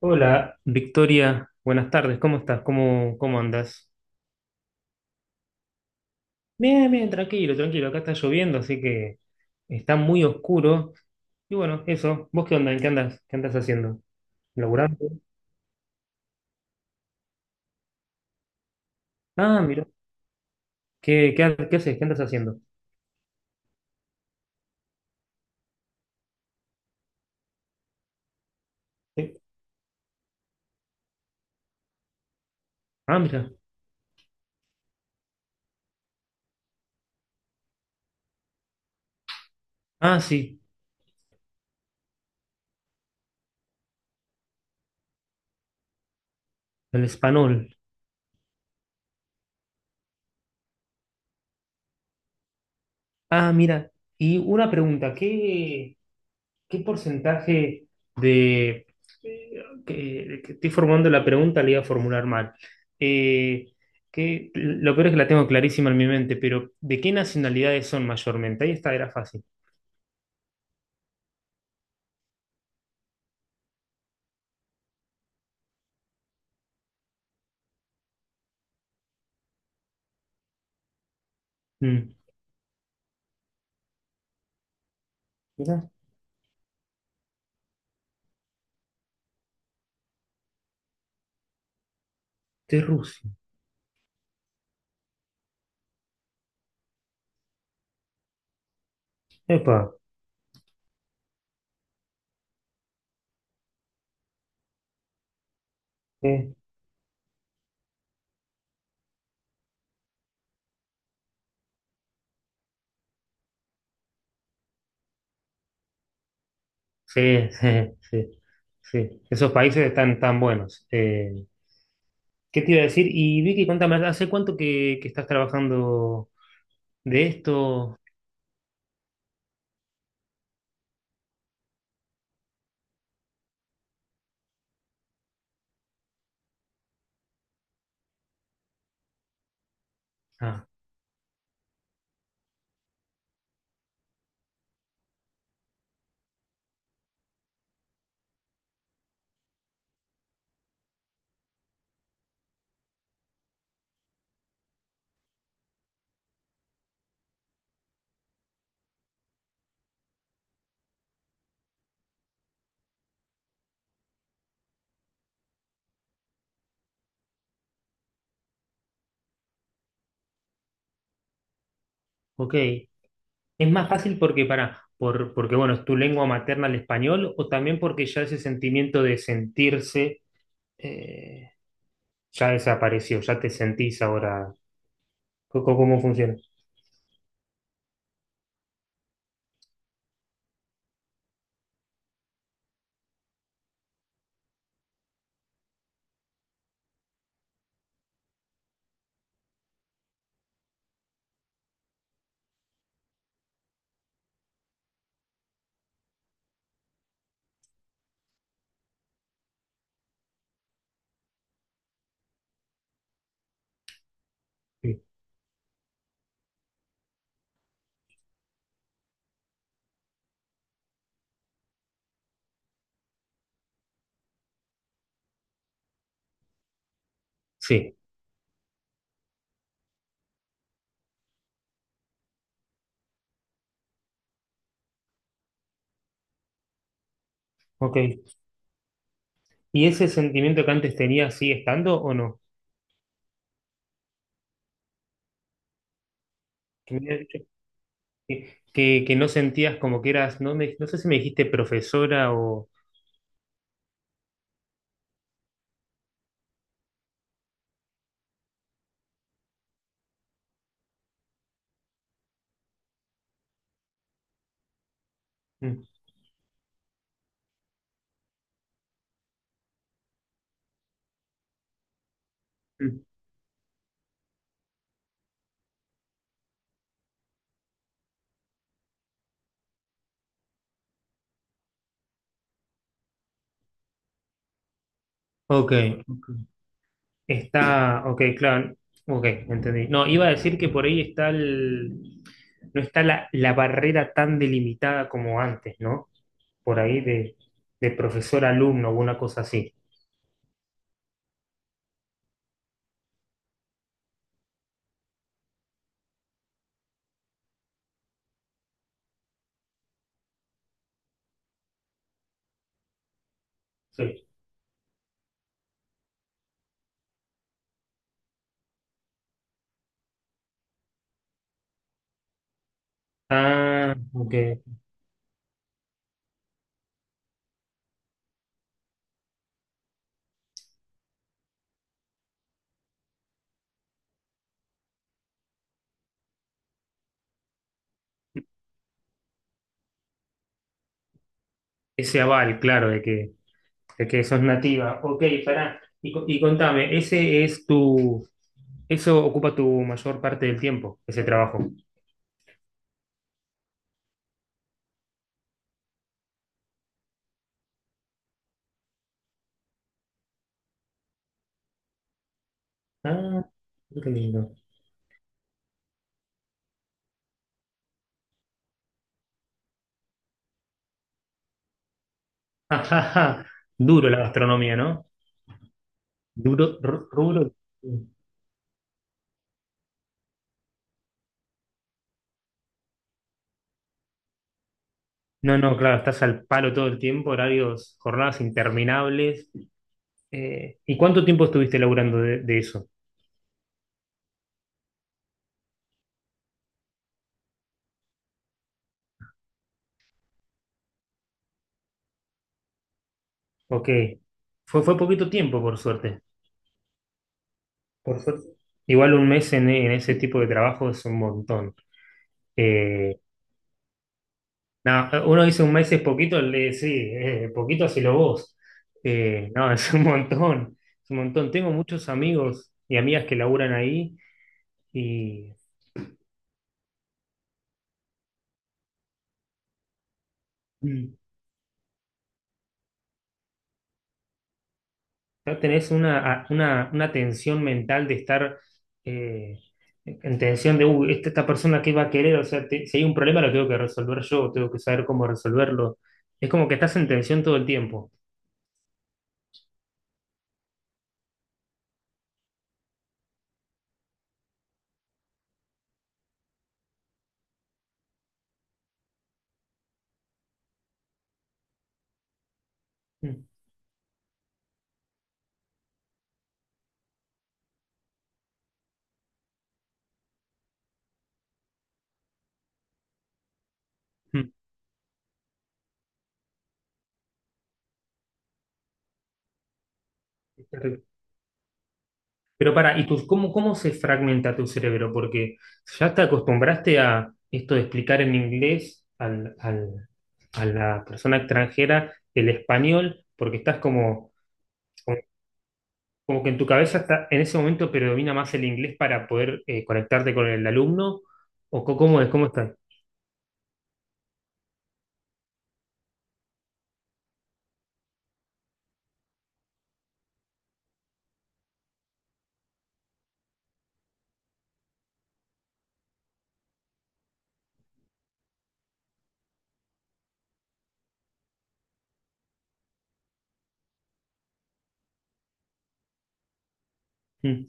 Hola, Victoria, buenas tardes, ¿cómo estás? ¿Cómo andas? Bien, bien, tranquilo, tranquilo, acá está lloviendo, así que está muy oscuro. Y bueno, eso, ¿vos qué onda? ¿En qué andas? ¿Qué andas haciendo? ¿Laburando? Ah, mira, ¿qué haces? ¿Qué andas haciendo? Eh, Ah, mira, ah, sí, el español. Ah, mira, y una pregunta, ¿qué? ¿Qué porcentaje de... que estoy formulando la pregunta, la iba a formular mal. Eh, lo peor es que la tengo clarísima en mi mente, pero ¿de qué nacionalidades son mayormente? Ahí está, era fácil. Mm, mirá, de Rusia. Epa, eh, sí, sí, sí, sí. Esos países están tan buenos. ¿Qué te iba a decir? Y Vicky, cuéntame, ¿hace cuánto que estás trabajando de esto? Ah, ok. Es más fácil porque porque bueno, es tu lengua materna el español, o también porque ya ese sentimiento de sentirse eh, ya desapareció, ya te sentís ahora. ¿Cómo funciona? Sí. Sí, ok. ¿Y ese sentimiento que antes tenías sigue estando o no? Que, me habías dicho que no sentías como que eras, no, me- no sé si me dijiste profesora o. Mm, mm. Ok, ok. Está, ok, claro. Ok, entendí. No, iba a decir que por ahí está el, no está la barrera tan delimitada como antes, ¿no? Por ahí de profesor-alumno o una cosa así. Sí. Ah, ok. Ese aval, claro, de que sos nativa. Ok, pará. Y, co- y contame, ese es tu, eso ocupa tu mayor parte del tiempo, ese trabajo. Ah, qué lindo. Ajaja, duro la gastronomía, ¿no? Duro, ru- rubro. No, no, claro, estás al palo todo el tiempo, horarios, jornadas interminables. ¿Y cuánto tiempo estuviste laburando de eso? Ok. Fue poquito tiempo, por suerte. Por suerte. Igual un mes en ese tipo de trabajo es un montón. Eh, nada, uno dice un mes es poquito, le- sí, poquito hacelo vos. No, es un montón, es un montón. Tengo muchos amigos y amigas que laburan ahí y... mm, no tenés una tensión mental de estar eh, en tensión de, "Uy, esta persona qué va a querer, o sea, te- si hay un problema lo tengo que resolver yo, tengo que saber cómo resolverlo. Es como que estás en tensión todo el tiempo. Mm, mm, es terrible. Pero para, ¿y tus, cómo se fragmenta tu cerebro? Porque ya te acostumbraste a esto de explicar en inglés a la persona extranjera el español, porque estás como. Como que en tu cabeza está, en ese momento predomina más el inglés para poder conectarte con el alumno, o co- cómo es, cómo está. Mm,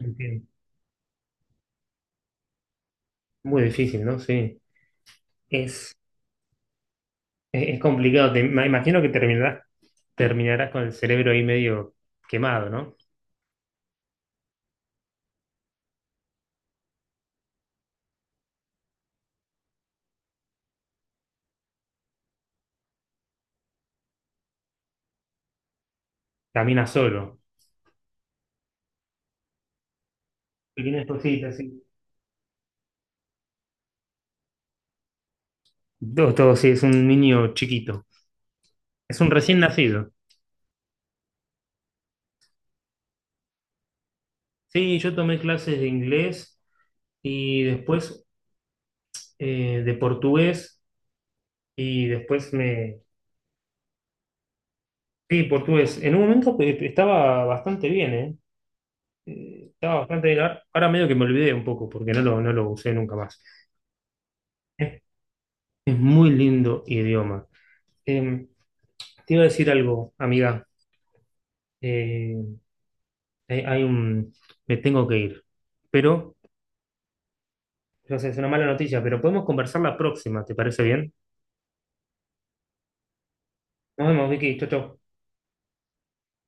entiendo. Muy difícil, ¿no? Sí. Es, es complicado. Te- me imagino que terminarás, terminarás con el cerebro ahí medio quemado, ¿no? Caminas solo. Pequeñas cositas, sí. Todo, todo, sí, es un niño chiquito. Es un recién nacido. Sí, yo tomé clases de inglés y después de portugués y después me. Sí, portugués. En un momento estaba bastante bien, ¿eh? Estaba bastante bien. Ahora medio que me olvidé un poco porque no lo, no lo usé nunca más. Es, es muy lindo idioma. Eh, te iba a decir algo, amiga. Eh, hay un... Me tengo que ir. Pero, no sé, es una mala noticia, pero podemos conversar la próxima, ¿te parece bien? Nos vemos, Vicky. Chau, chau.